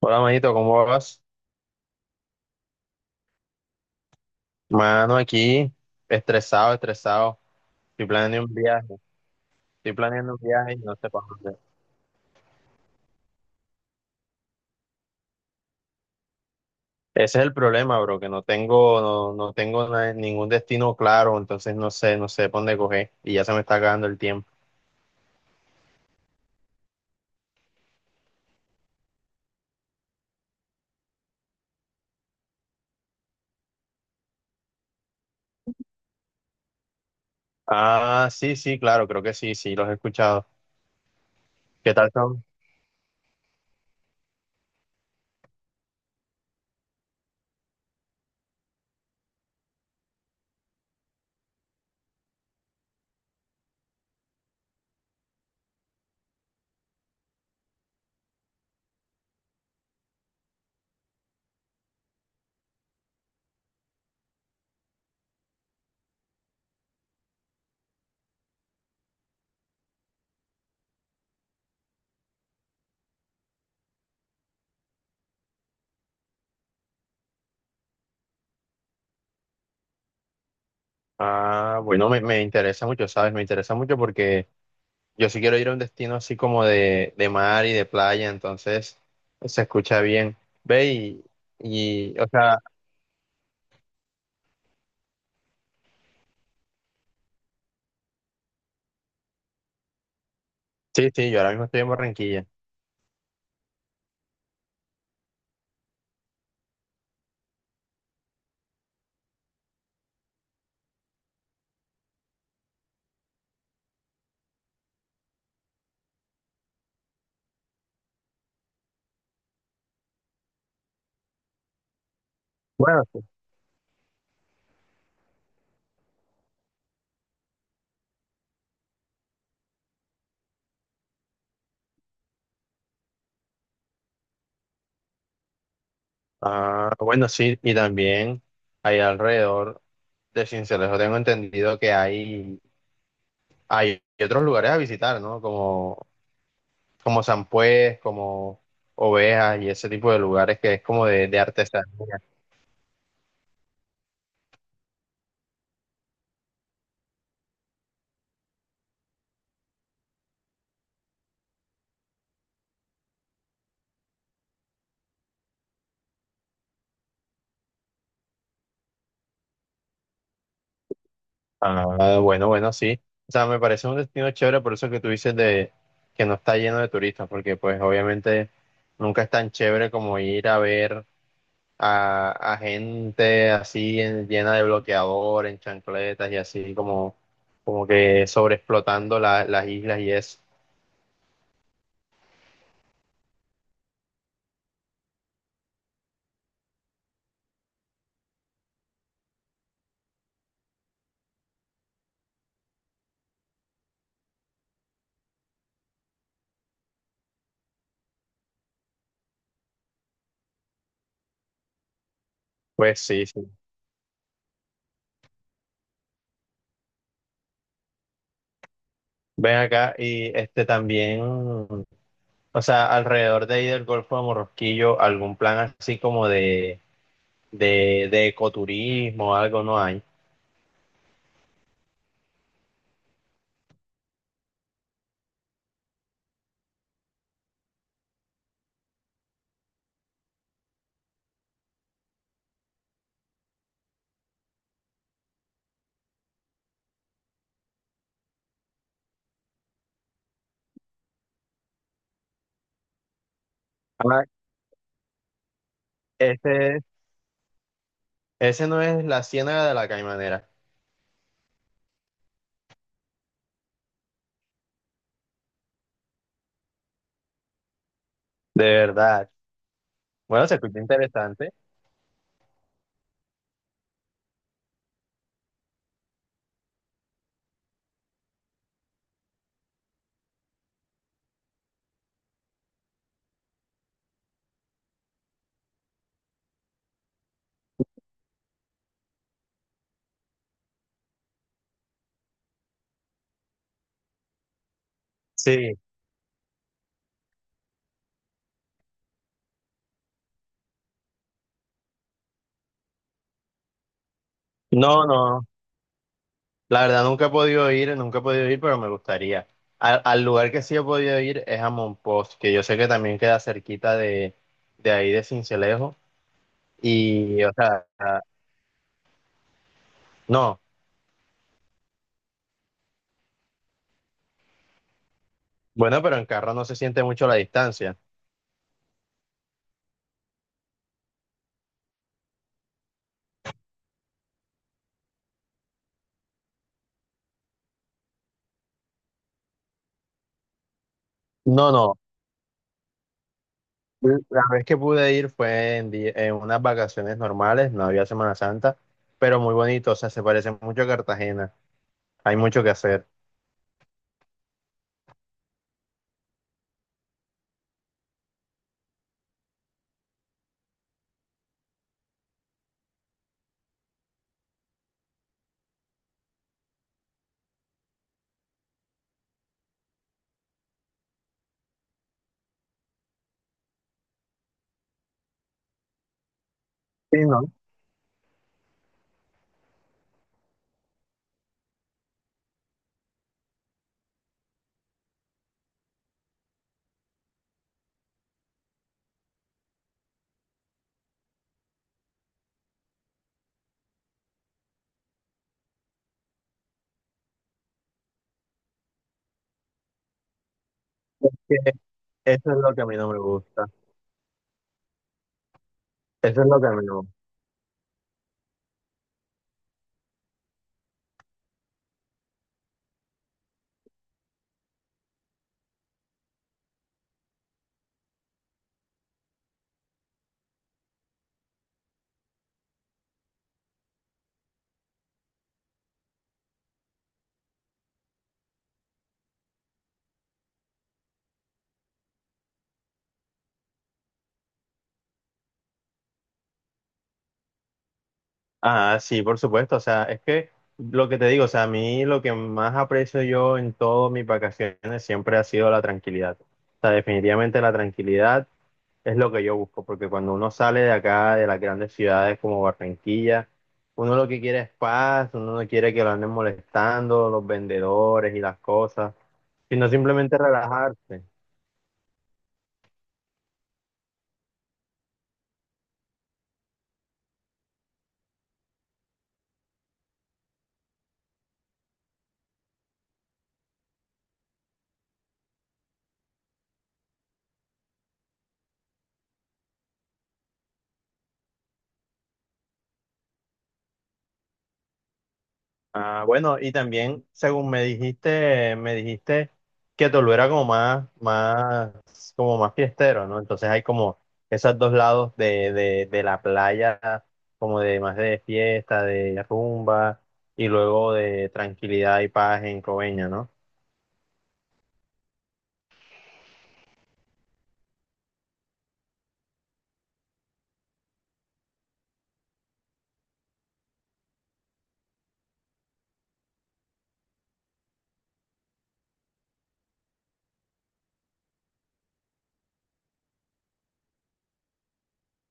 Hola, manito, ¿cómo vas? Mano, aquí, estresado, estresado. Estoy planeando un viaje, Estoy planeando un viaje y no sé para dónde. Ese es el problema, bro, que no tengo ningún destino claro, entonces no sé por dónde coger y ya se me está acabando el tiempo. Ah, sí, sí, claro, creo que sí, sí, los he escuchado. ¿Qué tal son? Ah, bueno, me interesa mucho, ¿sabes? Me interesa mucho porque yo sí quiero ir a un destino así como de mar y de playa, entonces se escucha bien. Ve y, o sea, Sí, sí, yo ahora mismo estoy en Barranquilla. Bueno, sí. Ah, bueno, sí, y también ahí alrededor de Sincelejo tengo entendido que hay otros lugares a visitar, ¿no? Como San Pues, como Ovejas y ese tipo de lugares que es como de artesanía. Ah, bueno, bueno, sí. O sea, me parece un destino chévere, por eso que tú dices de que no está lleno de turistas, porque pues obviamente nunca es tan chévere como ir a ver a gente así llena de bloqueador, en chancletas y así como que sobreexplotando las islas y eso. Pues sí, sí. Ven acá y este también, o sea, alrededor de ahí del Golfo de Morrosquillo, algún plan así como de ecoturismo, algo no hay. Ese, ese no es la Ciénaga de la Caimanera, de verdad. Bueno, se escucha interesante. Sí. No, no, la verdad nunca he podido ir, nunca he podido ir, pero me gustaría. Al lugar que sí he podido ir es a Monpós, que yo sé que también queda cerquita de ahí de Sincelejo. Y, o sea, no, bueno, pero en carro no se siente mucho la distancia. No, no, la vez que pude ir fue en unas vacaciones normales, no había Semana Santa, pero muy bonito, o sea, se parece mucho a Cartagena. Hay mucho que hacer. Sí, no, que eso es lo que a mí no me gusta. Eso es lo que a mí no. me gusta. Ah, sí, por supuesto. O sea, es que lo que te digo, o sea, a mí lo que más aprecio yo en todas mis vacaciones siempre ha sido la tranquilidad. O sea, definitivamente la tranquilidad es lo que yo busco, porque cuando uno sale de acá, de las grandes ciudades como Barranquilla, uno lo que quiere es paz, uno no quiere que lo anden molestando los vendedores y las cosas, sino simplemente relajarse. Ah, bueno, y también, según me me dijiste que Toluera era como más, como más fiestero, ¿no? Entonces hay como esos dos lados de la playa, como de más de fiesta, de rumba, y luego de tranquilidad y paz en Coveña, ¿no?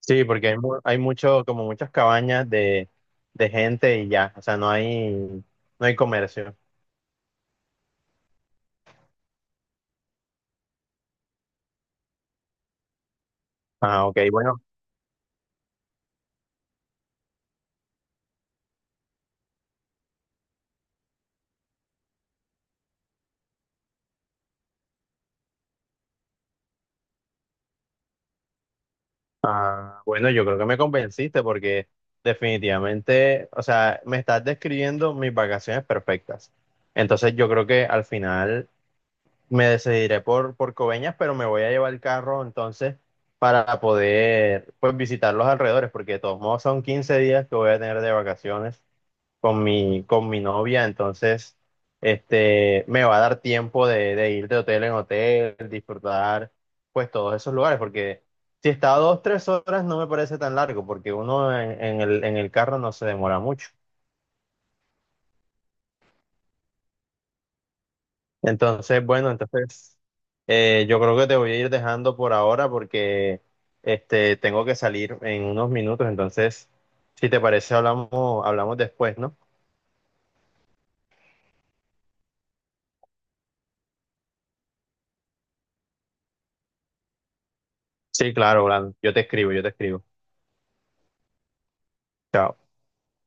Sí, porque hay mucho, como muchas cabañas de gente y ya, o sea, no hay comercio. Ah, ok, bueno. Ah, bueno, yo creo que me convenciste porque definitivamente, o sea, me estás describiendo mis vacaciones perfectas. Entonces yo creo que al final me decidiré por Coveñas, pero me voy a llevar el carro entonces para poder pues visitar los alrededores, porque de todos modos son 15 días que voy a tener de vacaciones con mi novia, entonces este, me va a dar tiempo de ir de hotel en hotel, disfrutar pues todos esos lugares, porque si está a 2, 3 horas no me parece tan largo, porque uno en el carro no se demora mucho. Entonces, bueno, entonces yo creo que te voy a ir dejando por ahora porque este, tengo que salir en unos minutos, entonces si te parece hablamos, hablamos después, ¿no? Sí, claro, Blan, yo te escribo, yo te escribo. Chao.